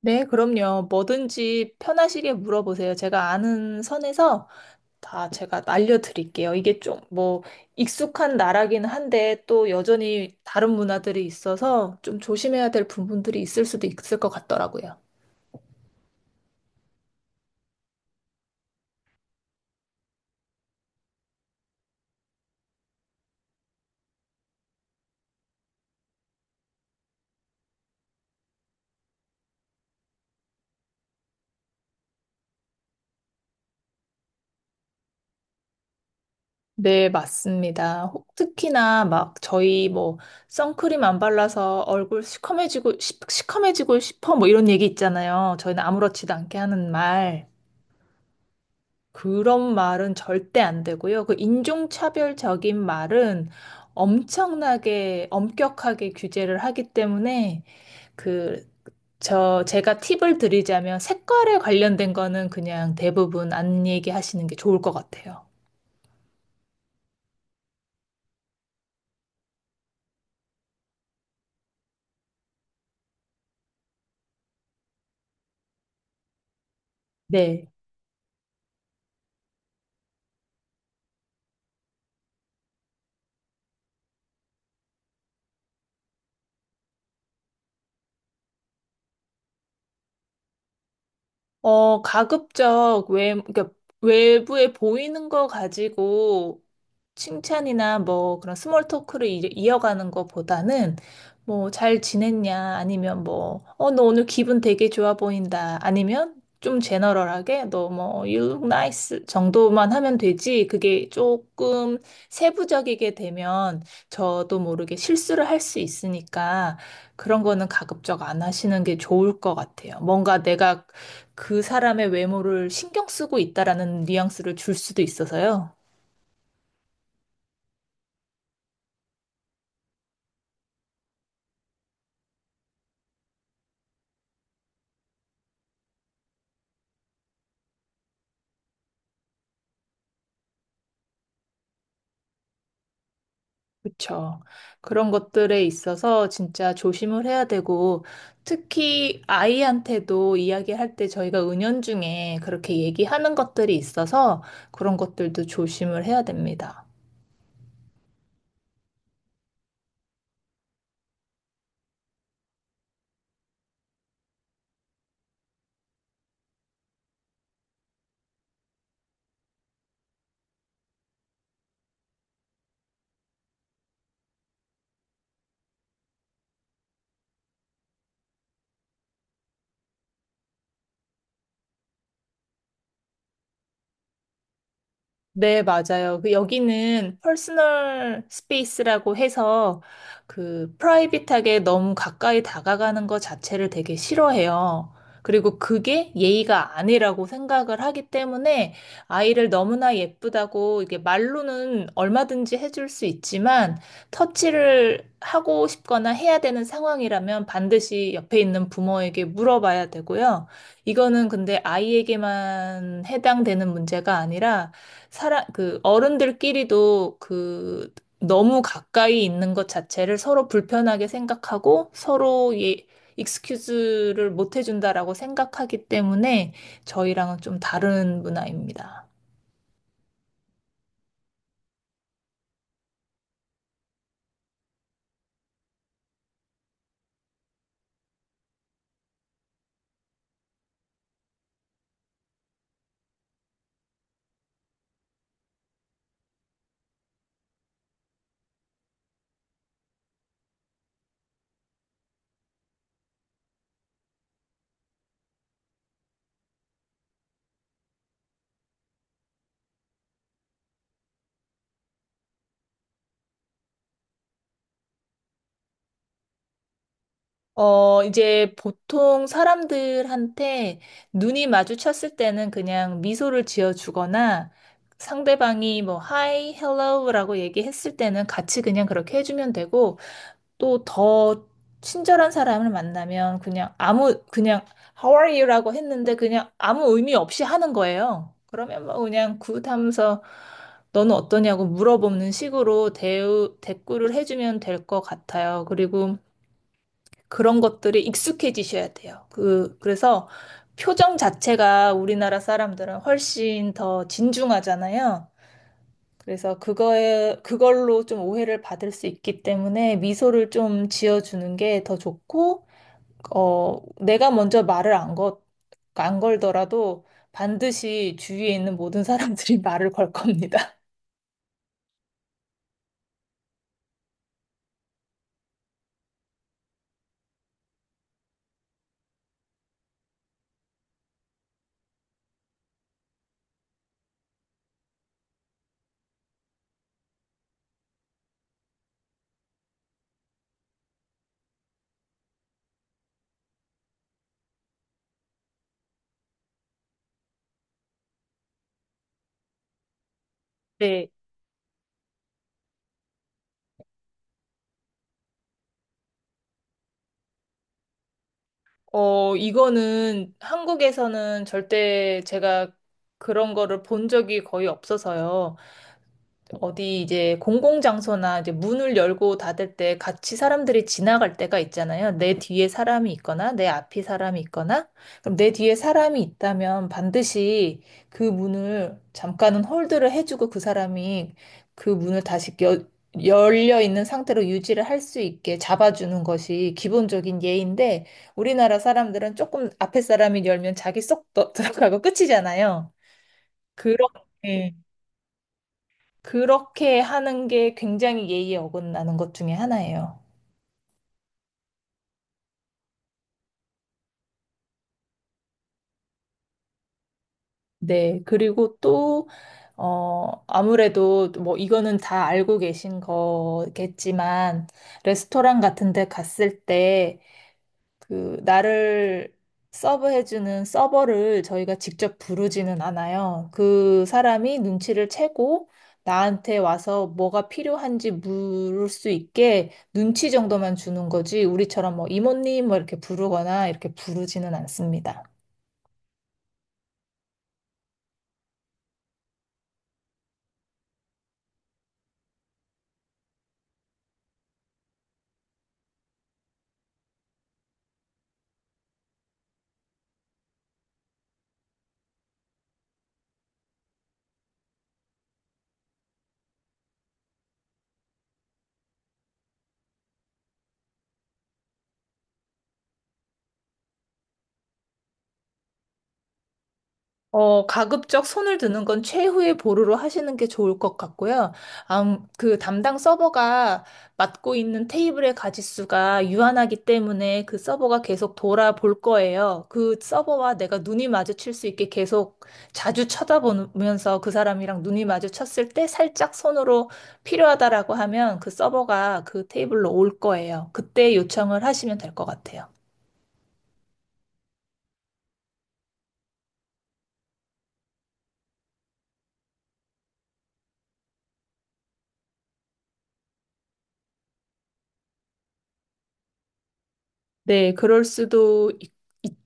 네, 그럼요. 뭐든지 편하시게 물어보세요. 제가 아는 선에서 다 제가 알려드릴게요. 이게 좀 익숙한 나라긴 한데 또 여전히 다른 문화들이 있어서 좀 조심해야 될 부분들이 있을 수도 있을 것 같더라고요. 네, 맞습니다. 특히나 막 저희 선크림 안 발라서 얼굴 시커매지고 시커매지고 싶어 뭐 이런 얘기 있잖아요. 저희는 아무렇지도 않게 하는 말. 그런 말은 절대 안 되고요. 그 인종차별적인 말은 엄청나게 엄격하게 규제를 하기 때문에 그, 제가 팁을 드리자면 색깔에 관련된 거는 그냥 대부분 안 얘기하시는 게 좋을 것 같아요. 네. 가급적 그러니까 외부에 보이는 거 가지고 칭찬이나 뭐 그런 스몰 토크를 이어가는 것보다는 뭐 잘 지냈냐 아니면 뭐 너 오늘 기분 되게 좋아 보인다 아니면 좀 제너럴하게 너 뭐 you look nice 정도만 하면 되지 그게 조금 세부적이게 되면 저도 모르게 실수를 할 수 있으니까 그런 거는 가급적 안 하시는 게 좋을 것 같아요. 뭔가 내가 그 사람의 외모를 신경 쓰고 있다라는 뉘앙스를 줄 수도 있어서요. 그렇죠. 그런 것들에 있어서 진짜 조심을 해야 되고 특히 아이한테도 이야기할 때 저희가 은연중에 그렇게 얘기하는 것들이 있어서 그런 것들도 조심을 해야 됩니다. 네, 맞아요. 그 여기는 퍼스널 스페이스라고 해서 그 프라이빗하게 너무 가까이 다가가는 것 자체를 되게 싫어해요. 그리고 그게 예의가 아니라고 생각을 하기 때문에 아이를 너무나 예쁘다고 이게 말로는 얼마든지 해줄 수 있지만 터치를 하고 싶거나 해야 되는 상황이라면 반드시 옆에 있는 부모에게 물어봐야 되고요. 이거는 근데 아이에게만 해당되는 문제가 아니라 그 어른들끼리도 그 너무 가까이 있는 것 자체를 서로 불편하게 생각하고 서로 익스큐즈를 못 해준다라고 생각하기 때문에 저희랑은 좀 다른 문화입니다. 이제 보통 사람들한테 눈이 마주쳤을 때는 그냥 미소를 지어주거나 상대방이 뭐, hi, hello라고 얘기했을 때는 같이 그냥 그렇게 해주면 되고, 또 더 친절한 사람을 만나면 그냥 How are you라고 했는데 그냥 아무 의미 없이 하는 거예요. 그러면 뭐 그냥 굿 하면서 너는 어떠냐고 물어보는 식으로 대우 대꾸를 해주면 될 것 같아요. 그리고 그런 것들이 익숙해지셔야 돼요. 그래서 표정 자체가 우리나라 사람들은 훨씬 더 진중하잖아요. 그래서 그걸로 좀 오해를 받을 수 있기 때문에 미소를 좀 지어주는 게 더 좋고, 어, 내가 먼저 말을 안 걸, 안 걸더라도 반드시 주위에 있는 모든 사람들이 말을 걸 겁니다. 네. 이거는 한국에서는 절대 제가 그런 거를 본 적이 거의 없어서요. 어디 이제 공공장소나 이제 문을 열고 닫을 때 같이 사람들이 지나갈 때가 있잖아요. 내 뒤에 사람이 있거나 내 앞에 사람이 있거나. 그럼 내 뒤에 사람이 있다면 반드시 그 문을 잠깐은 홀드를 해주고 그 사람이 그 문을 열려 있는 상태로 유지를 할 수 있게 잡아주는 것이 기본적인 예인데 우리나라 사람들은 조금 앞에 사람이 열면 자기 들어가고 끝이잖아요. 그렇게 그렇게 하는 게 굉장히 예의에 어긋나는 것 중에 하나예요. 네. 그리고 또, 아무래도 뭐 이거는 다 알고 계신 거겠지만, 레스토랑 같은 데 갔을 때 그 나를 서브해주는 서버를 저희가 직접 부르지는 않아요. 그 사람이 눈치를 채고 나한테 와서 뭐가 필요한지 물을 수 있게 눈치 정도만 주는 거지 우리처럼 뭐 이모님 뭐 이렇게 부르거나 이렇게 부르지는 않습니다. 가급적 손을 드는 건 최후의 보루로 하시는 게 좋을 것 같고요. 그 담당 서버가 맡고 있는 테이블의 가짓수가 유한하기 때문에 그 서버가 계속 돌아볼 거예요. 그 서버와 내가 눈이 마주칠 수 있게 계속 자주 쳐다보면서 그 사람이랑 눈이 마주쳤을 때 살짝 손으로 필요하다라고 하면 그 서버가 그 테이블로 올 거예요. 그때 요청을 하시면 될 것 같아요. 네,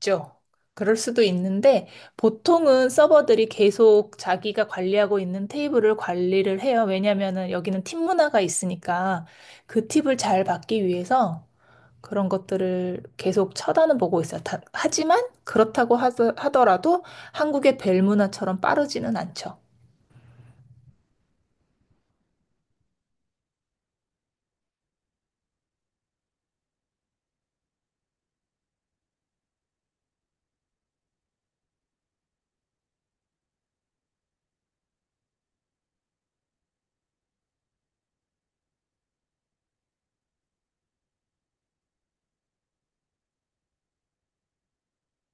죠 그럴 수도 있는데 보통은 서버들이 계속 자기가 관리하고 있는 테이블을 관리를 해요. 왜냐면은 여기는 팀 문화가 있으니까 그 팁을 잘 받기 위해서 그런 것들을 계속 쳐다는 보고 있어요. 다- 하지만 그렇다고 하 하더라도 한국의 벨 문화처럼 빠르지는 않죠.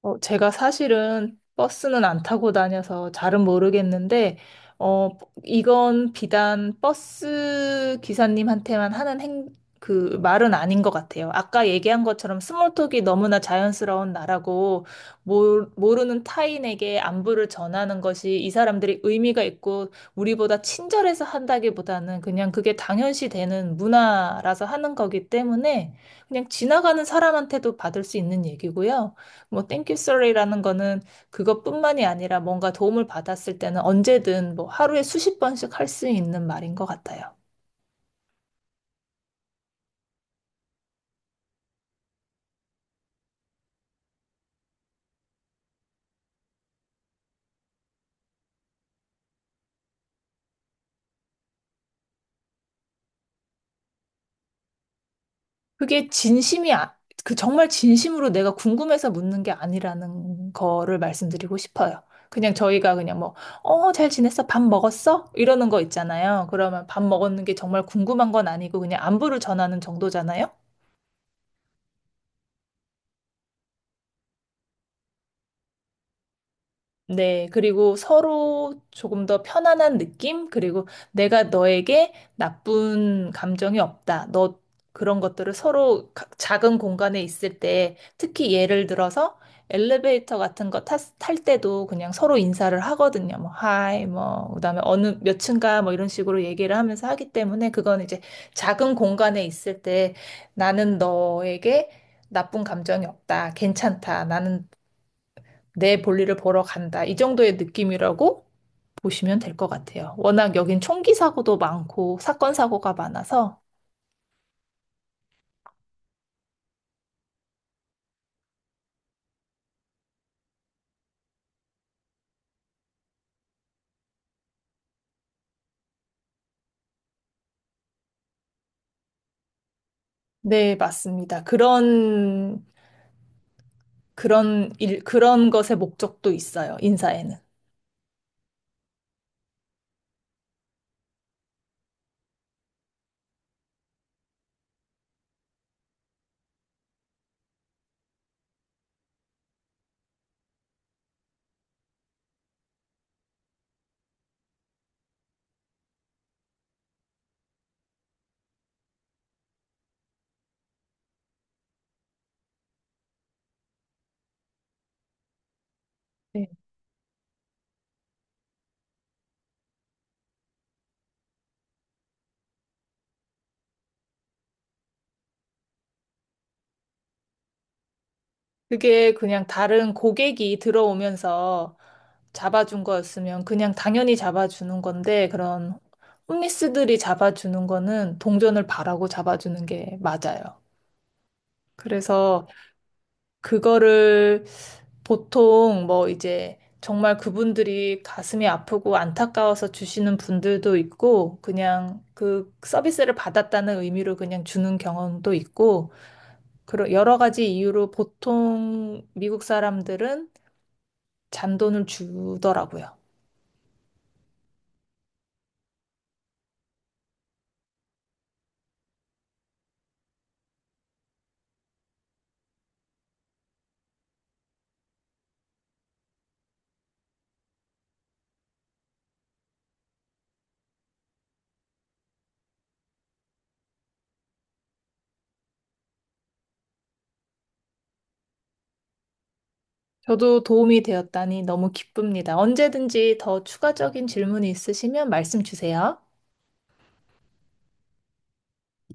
제가 사실은 버스는 안 타고 다녀서 잘은 모르겠는데, 어, 이건 비단 버스 기사님한테만 하는 그 말은 아닌 것 같아요. 아까 얘기한 것처럼 스몰톡이 너무나 자연스러운 나라고, 모르는 타인에게 안부를 전하는 것이 이 사람들이 의미가 있고, 우리보다 친절해서 한다기보다는 그냥 그게 당연시 되는 문화라서 하는 거기 때문에, 그냥 지나가는 사람한테도 받을 수 있는 얘기고요. 뭐 땡큐 쏘리라는 거는 그것뿐만이 아니라 뭔가 도움을 받았을 때는 언제든 뭐 하루에 수십 번씩 할 수 있는 말인 것 같아요. 그게 진심이 아- 그 정말 진심으로 내가 궁금해서 묻는 게 아니라는 거를 말씀드리고 싶어요. 그냥 저희가 그냥 뭐, 잘 지냈어? 밥 먹었어? 이러는 거 있잖아요. 그러면 밥 먹었는 게 정말 궁금한 건 아니고 그냥 안부를 전하는 정도잖아요. 네, 그리고 서로 조금 더 편안한 느낌? 그리고 내가 너에게 나쁜 감정이 없다. 너 그런 것들을 작은 공간에 있을 때, 특히 예를 들어서 엘리베이터 같은 거 탈 때도 그냥 서로 인사를 하거든요. 뭐, 하이, 뭐, 그다음에 어느 몇 층가 뭐 이런 식으로 얘기를 하면서 하기 때문에 그건 이제 작은 공간에 있을 때 나는 너에게 나쁜 감정이 없다. 괜찮다. 나는 내 볼일을 보러 간다. 이 정도의 느낌이라고 보시면 될 것 같아요. 워낙 여긴 총기 사고도 많고 사건 사고가 많아서 네, 맞습니다. 그런 일 그런 것의 목적도 있어요. 인사에는. 네. 그게 그냥 다른 고객이 들어오면서 잡아준 거였으면 그냥 당연히 잡아주는 건데 그런 홈리스들이 잡아주는 거는 동전을 바라고 잡아주는 게 맞아요. 그래서 그거를 보통 뭐 이제 정말 그분들이 가슴이 아프고 안타까워서 주시는 분들도 있고 그냥 그 서비스를 받았다는 의미로 그냥 주는 경험도 있고 그런 여러 가지 이유로 보통 미국 사람들은 잔돈을 주더라고요. 저도 도움이 되었다니 너무 기쁩니다. 언제든지 더 추가적인 질문이 있으시면 말씀 주세요.